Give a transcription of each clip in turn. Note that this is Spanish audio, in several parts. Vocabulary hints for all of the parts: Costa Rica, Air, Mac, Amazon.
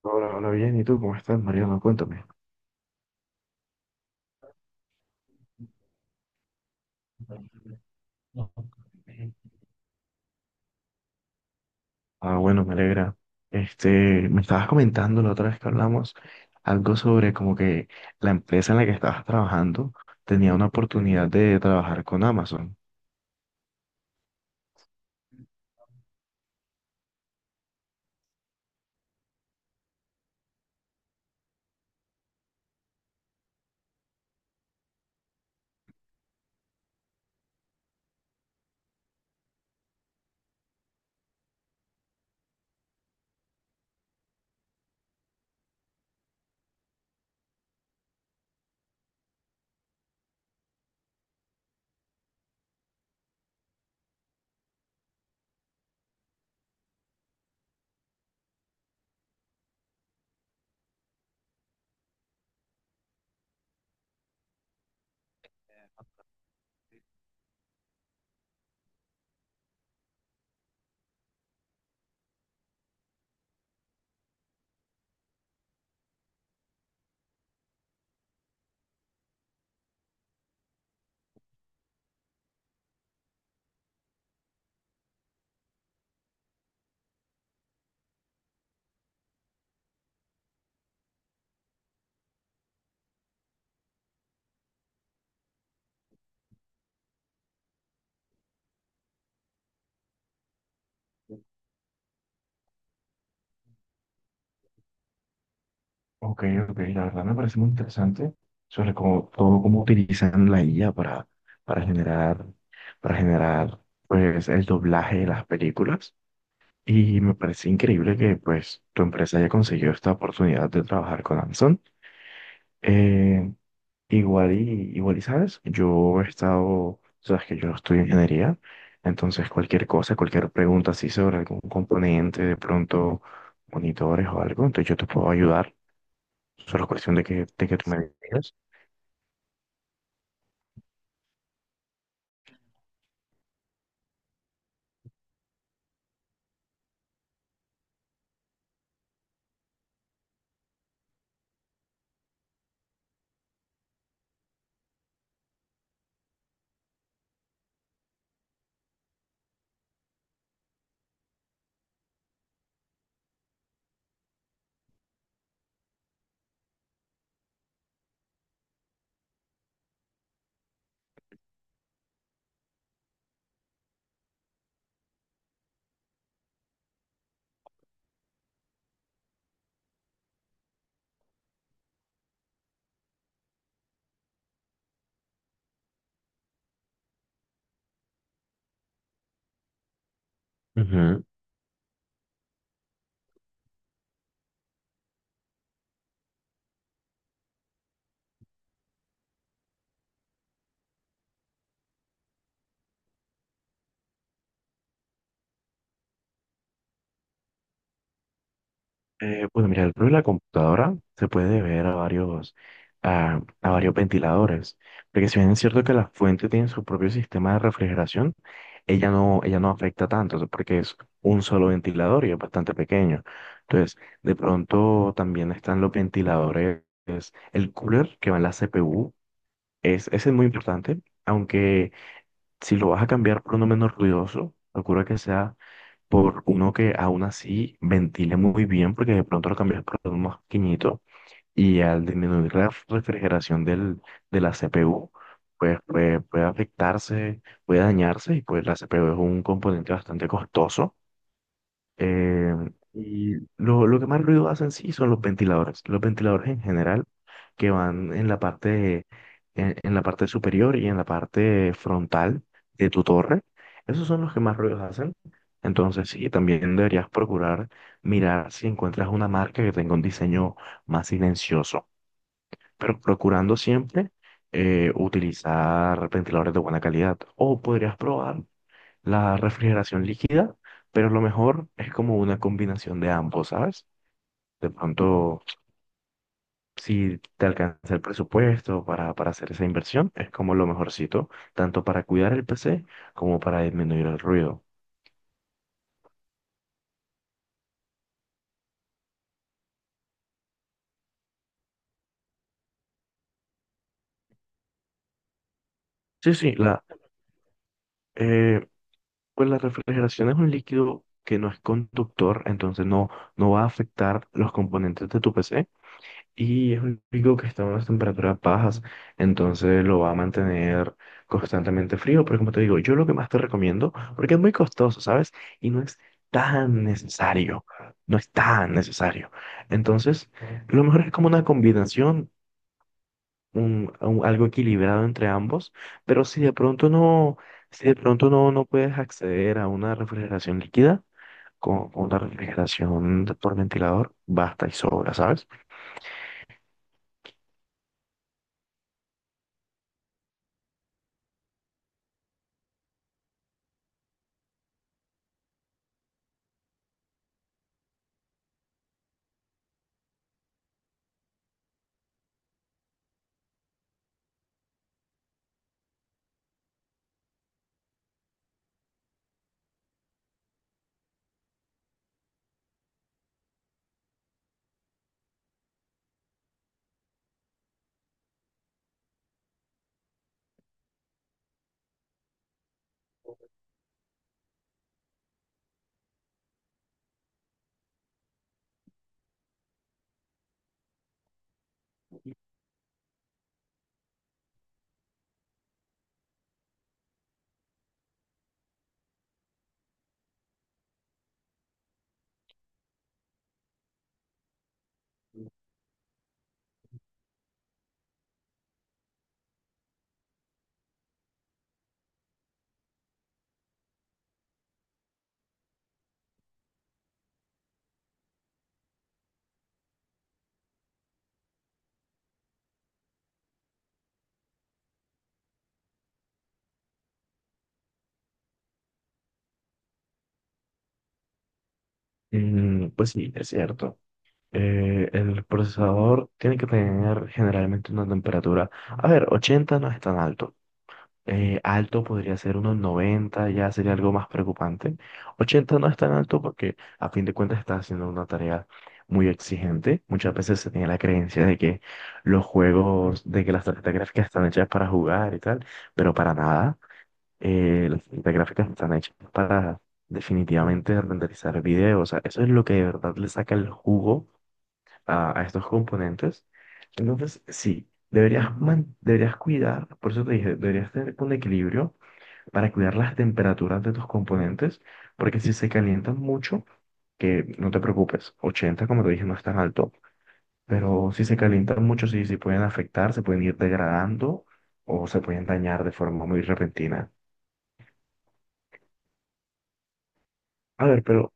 Hola, hola, bien. ¿Y tú cómo estás, Mariano? Cuéntame. Ah, bueno, me alegra. Este, Me estabas comentando la otra vez que hablamos algo sobre como que la empresa en la que estabas trabajando tenía una oportunidad de trabajar con Amazon. Ok, ok, la verdad me parece muy interesante sobre cómo, todo cómo utilizan la IA para generar, para generar pues el doblaje de las películas. Y me parece increíble que pues tu empresa haya conseguido esta oportunidad de trabajar con Amazon. Eh, igual y sabes, yo he estado, sabes que yo estudio ingeniería, entonces cualquier cosa, cualquier pregunta así sobre algún componente, de pronto monitores o algo, entonces yo te puedo ayudar. Solo es cuestión de que tú me digas. Bueno, mira, el problema de la computadora se puede ver a varios ventiladores, porque si bien es cierto que la fuente tiene su propio sistema de refrigeración, ella no afecta tanto, o sea, porque es un solo ventilador y es bastante pequeño. Entonces, de pronto también están los ventiladores, el cooler que va en la CPU, ese es muy importante, aunque si lo vas a cambiar por uno menos ruidoso, procura que sea por uno que aún así ventile muy bien, porque de pronto lo cambias por uno más pequeñito y al disminuir la refrigeración de la CPU, pues puede afectarse, puede dañarse y pues la CPU es un componente bastante costoso. Eh, y lo, lo que más ruido hacen sí son los ventiladores. Los ventiladores en general que van en la parte, en la parte superior y en la parte frontal de tu torre. Esos son los que más ruidos hacen. Entonces sí, también deberías procurar mirar si encuentras una marca que tenga un diseño más silencioso, pero procurando siempre utilizar ventiladores de buena calidad. O podrías probar la refrigeración líquida, pero lo mejor es como una combinación de ambos, ¿sabes? De pronto, si te alcanza el presupuesto para hacer esa inversión, es como lo mejorcito, tanto para cuidar el PC como para disminuir el ruido. Sí, sí, eh, pues la refrigeración es un líquido que no es conductor, entonces no va a afectar los componentes de tu PC. Y es un pico que está a unas temperaturas bajas, entonces lo va a mantener constantemente frío. Pero como te digo, yo lo que más te recomiendo, porque es muy costoso, ¿sabes? Y no es tan necesario, no es tan necesario. Entonces, lo mejor es como una combinación, algo equilibrado entre ambos. Pero si de pronto no, si de pronto no, no puedes acceder a una refrigeración líquida, con una refrigeración por ventilador, basta y sobra, ¿sabes? Mm, pues sí, es cierto. El procesador tiene que tener generalmente una temperatura. A ver, 80 no es tan alto. Alto podría ser unos 90, ya sería algo más preocupante. 80 no es tan alto porque a fin de cuentas está haciendo una tarea muy exigente. Muchas veces se tiene la creencia de que los juegos, de que las tarjetas gráficas están hechas para jugar y tal, pero para nada. Las tarjetas gráficas están hechas para definitivamente renderizar videos. O sea, eso es lo que de verdad le saca el jugo a estos componentes. Entonces, sí, deberías cuidar, por eso te dije, deberías tener un equilibrio para cuidar las temperaturas de tus componentes, porque si se calientan mucho, que no te preocupes, 80 como te dije, no es tan alto, pero si se calientan mucho, sí, sí pueden afectar, se pueden ir degradando o se pueden dañar de forma muy repentina. A ver, pero,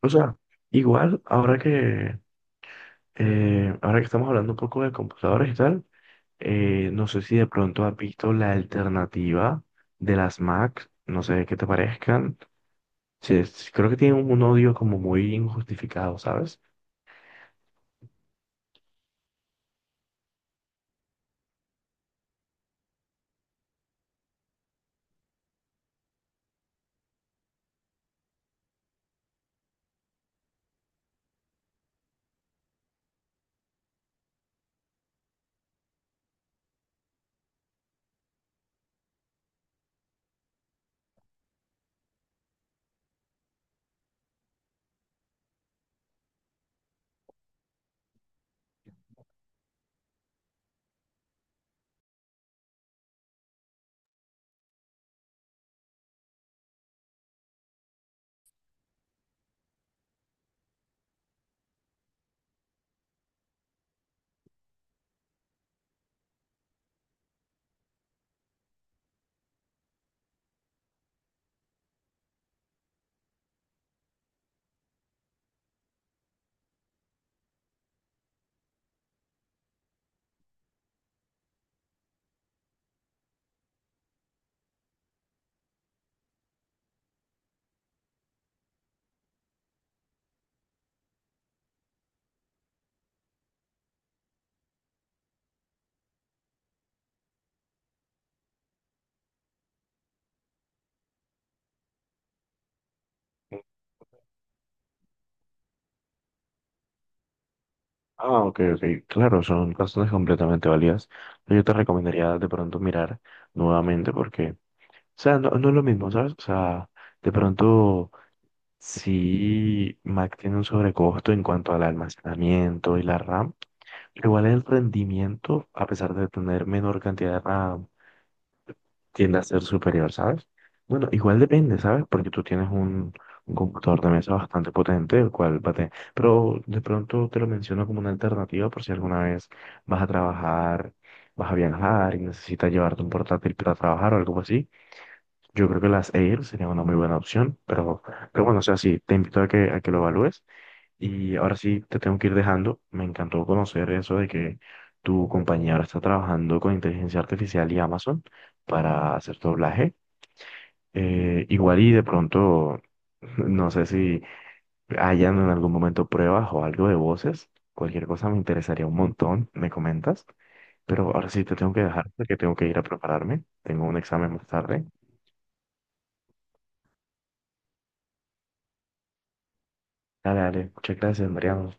o sea, igual, ahora que estamos hablando un poco de computadores y tal. No sé si de pronto has visto la alternativa de las Macs, no sé qué te parezcan. Sí, creo que tienen un odio como muy injustificado, ¿sabes? Ah, ok, ok, claro, son razones completamente válidas. Yo te recomendaría de pronto mirar nuevamente porque, o sea, no es lo mismo, ¿sabes? O sea, de pronto sí Mac tiene un sobrecosto en cuanto al almacenamiento y la RAM, pero igual el rendimiento, a pesar de tener menor cantidad de RAM, tiende a ser superior, ¿sabes? Bueno, igual depende, ¿sabes? Porque tú tienes un computador de mesa bastante potente, el cual va a tener. Pero de pronto te lo menciono como una alternativa por si alguna vez vas a trabajar, vas a viajar y necesitas llevarte un portátil para trabajar o algo así. Yo creo que las Air sería una muy buena opción, pero bueno, o sea, sí, te invito a que, lo evalúes. Y ahora sí te tengo que ir dejando. Me encantó conocer eso de que tu compañía ahora está trabajando con inteligencia artificial y Amazon para hacer tu doblaje. Igual y de pronto, no sé si hayan en algún momento pruebas o algo de voces. Cualquier cosa me interesaría un montón, me comentas. Pero ahora sí te tengo que dejar porque tengo que ir a prepararme. Tengo un examen más tarde. Dale, dale. Muchas gracias, Mariano.